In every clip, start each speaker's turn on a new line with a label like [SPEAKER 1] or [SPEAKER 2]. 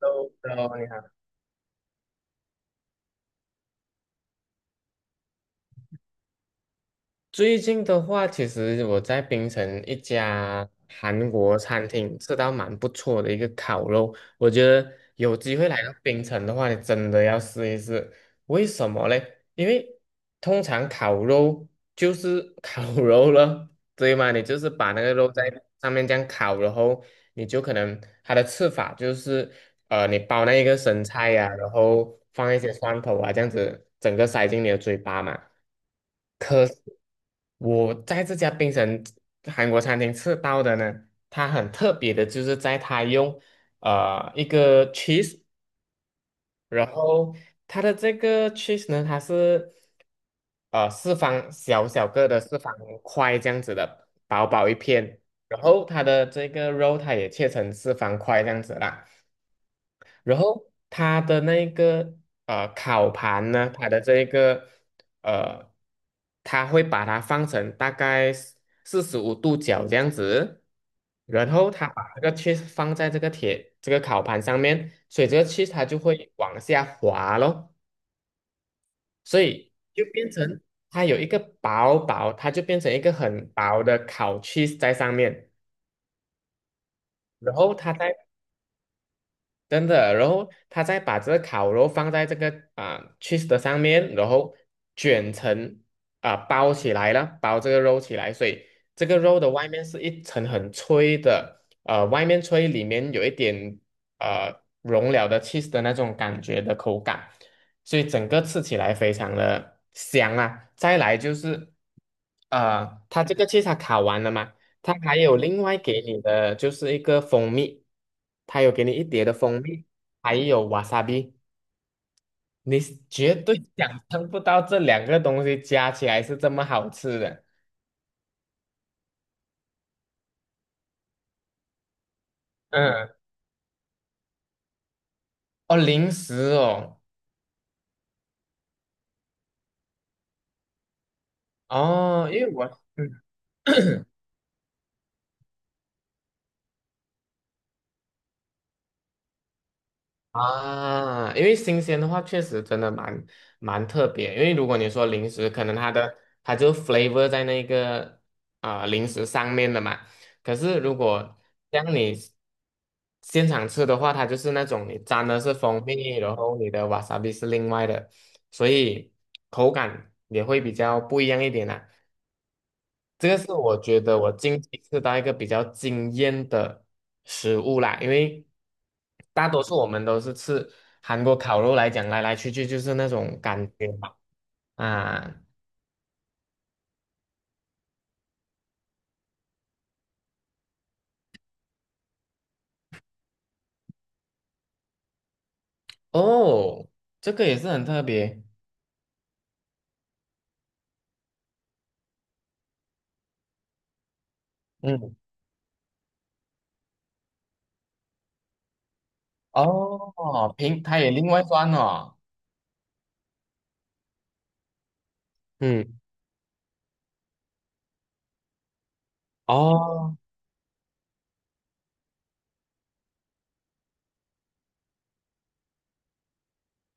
[SPEAKER 1] Hello，你好。最近的话，其实我在槟城一家韩国餐厅吃到蛮不错的一个烤肉，我觉得有机会来到槟城的话，你真的要试一试。为什么嘞？因为通常烤肉就是烤 肉了，对吗？你就是把那个肉在上面这样烤，然后你就可能它的吃法就是你包那一个生菜呀、然后放一些蒜头啊，这样子整个塞进你的嘴巴嘛。可是我在这家槟城韩国餐厅吃到的呢，它很特别的，就是在它用一个 cheese，然后它的这个 cheese 呢，它是四方小小个的四方块这样子的，薄薄一片，然后它的这个肉它也切成四方块这样子啦。然后它的那个烤盘呢，它的这一个呃，它会把它放成大概45度角这样子，然后它把这个 cheese 放在这个铁这个烤盘上面，所以这个 cheese 它就会往下滑咯，所以就变成它有一个薄薄，它就变成一个很薄的烤 cheese 在上面，然后它在真的，然后他再把这个烤肉放在这个啊 cheese 的上面，然后卷成啊、包起来了，包这个肉起来，所以这个肉的外面是一层很脆的，外面脆，里面有一点融了的 cheese 的那种感觉的口感，所以整个吃起来非常的香啊。再来就是，它这个 cheese 它烤完了吗？他还有另外给你的就是一个蜂蜜，他有给你一碟的蜂蜜，还有瓦萨比，你绝对想象不到这两个东西加起来是这么好吃的。嗯，哦，零食哦，哦，因为我。嗯。啊，因为新鲜的话，确实真的蛮特别。因为如果你说零食，可能它的它就 flavor 在那个啊、零食上面的嘛。可是如果像你现场吃的话，它就是那种你沾的是蜂蜜，然后你的 wasabi 是另外的，所以口感也会比较不一样一点啦、这个是我觉得我近期吃到一个比较惊艳的食物啦，因为大多数我们都是吃韩国烤肉来讲，来来去去就是那种感觉嘛。啊，哦，这个也是很特别，嗯，哦，平，它也另外算哦，嗯，哦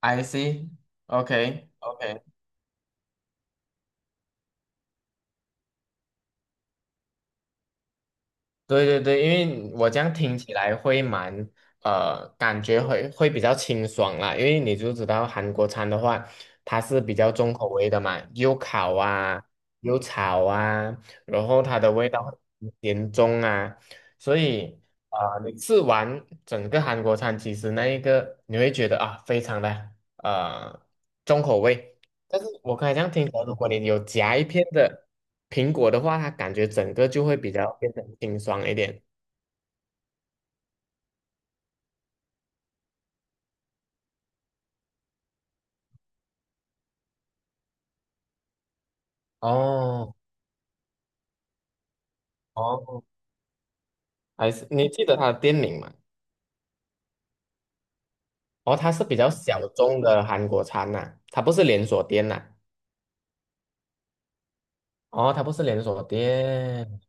[SPEAKER 1] ，I see，OK，OK。对对对，因为我这样听起来会蛮感觉会比较清爽啦。因为你就知道韩国餐的话，它是比较重口味的嘛，又烤啊，又炒啊，然后它的味道很严重啊，所以啊，你吃完整个韩国餐，其实那一个你会觉得啊，非常的呃重口味，但是我刚才这样听起来，如果你有夹一片的苹果的话，它感觉整个就会比较变得清爽一点。哦哦，还是你记得它的店名吗？哦，它是比较小众的韩国餐呐、它不是连锁店呐、哦，它不是连锁店。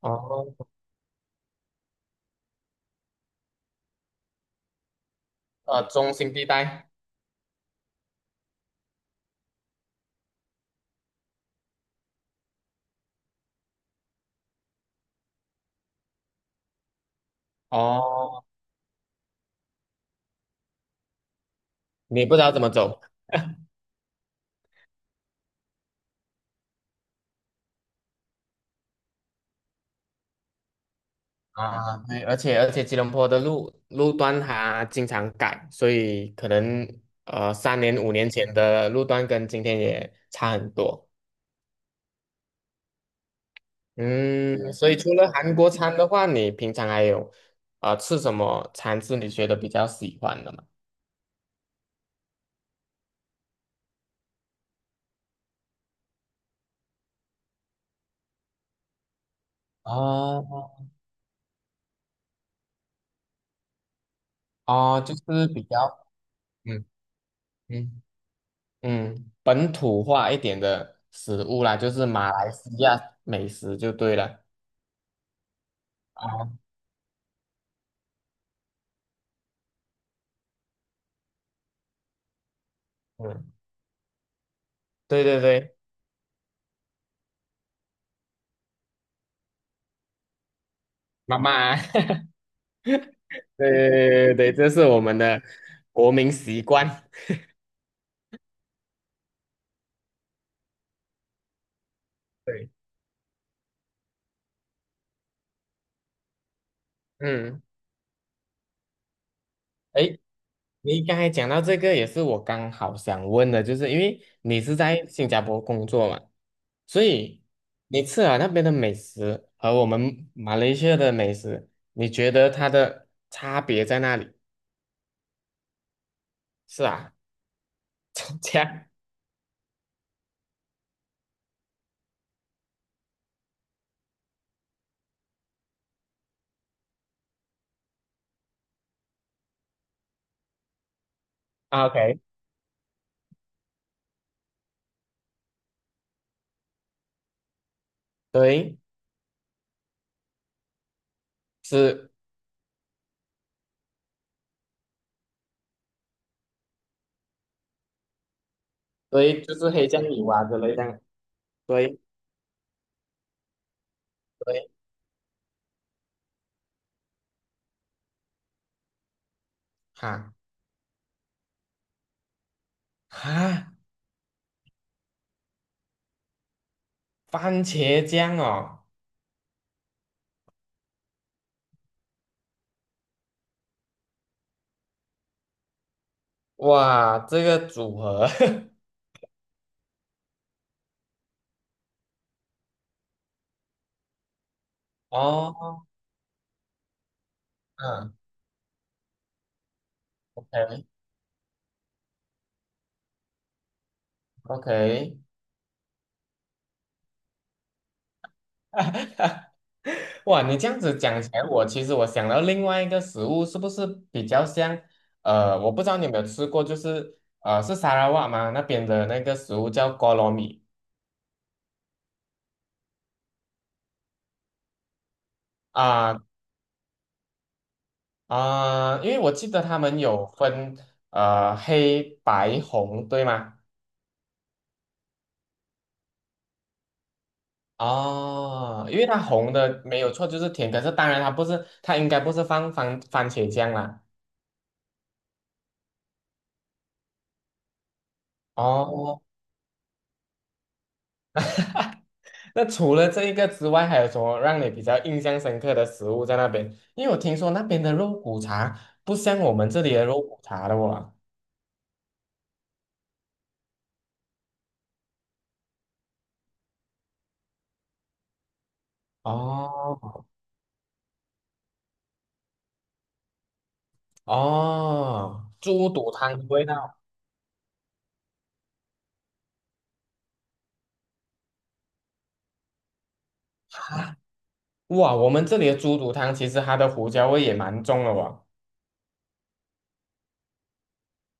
[SPEAKER 1] 哦，中心地带。哦，你不知道怎么走。啊，对，而且吉隆坡的路段它经常改，所以可能3年5年前的路段跟今天也差很多。嗯，所以除了韩国餐的话，你平常还有吃什么餐是你觉得比较喜欢的吗？哦，哦，就是比较嗯嗯本土化一点的食物啦，就是马来西亚美食就对了。啊，嗯，对对对，妈妈 对对对对对，这是我们的国民习惯。对，嗯，诶，你刚才讲到这个，也是我刚好想问的，就是因为你是在新加坡工作嘛，所以你吃了那边的美食和我们马来西亚的美食，你觉得它的差别在哪里？是啊，这样 OK 对，是，对，就是黑酱油啊之类的，样，对对，哈哈，番茄酱哦。哇，这个组合 哦，嗯，OK OK，哇，你这样子讲起来，我其实想到另外一个食物，是不是比较像？我不知道你有没有吃过，就是是沙拉瓦吗？那边的那个食物叫 go 米啊啊，因为我记得他们有分黑白红，对吗？哦，因为它红的没有错，就是甜，可是当然它不是，它应该不是放番茄酱啦。哦那除了这一个之外，还有什么让你比较印象深刻的食物在那边？因为我听说那边的肉骨茶不像我们这里的肉骨茶的哇。哦哦，猪肚汤的味道啊！哇，我们这里的猪肚汤其实它的胡椒味也蛮重的哇。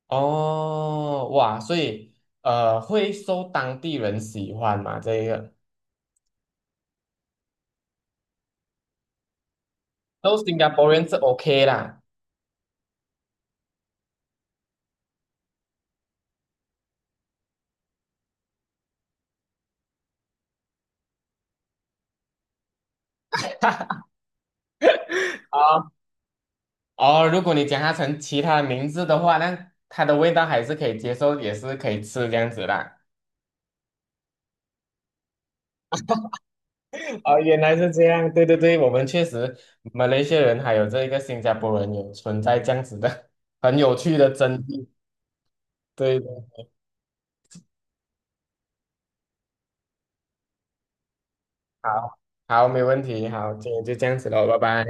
[SPEAKER 1] 哦哇，所以会受当地人喜欢嘛？这一个，都新加坡人是 OK 啦。啊。哦，如果你将它成其他的名字的话，那它的味道还是可以接受，也是可以吃这样子啦。哦，原来是这样，对对对，我们确实马来西亚人还有这个新加坡人有存在这样子的很有趣的争议。对的，好，好，没问题，好，今天就这样子喽，拜拜。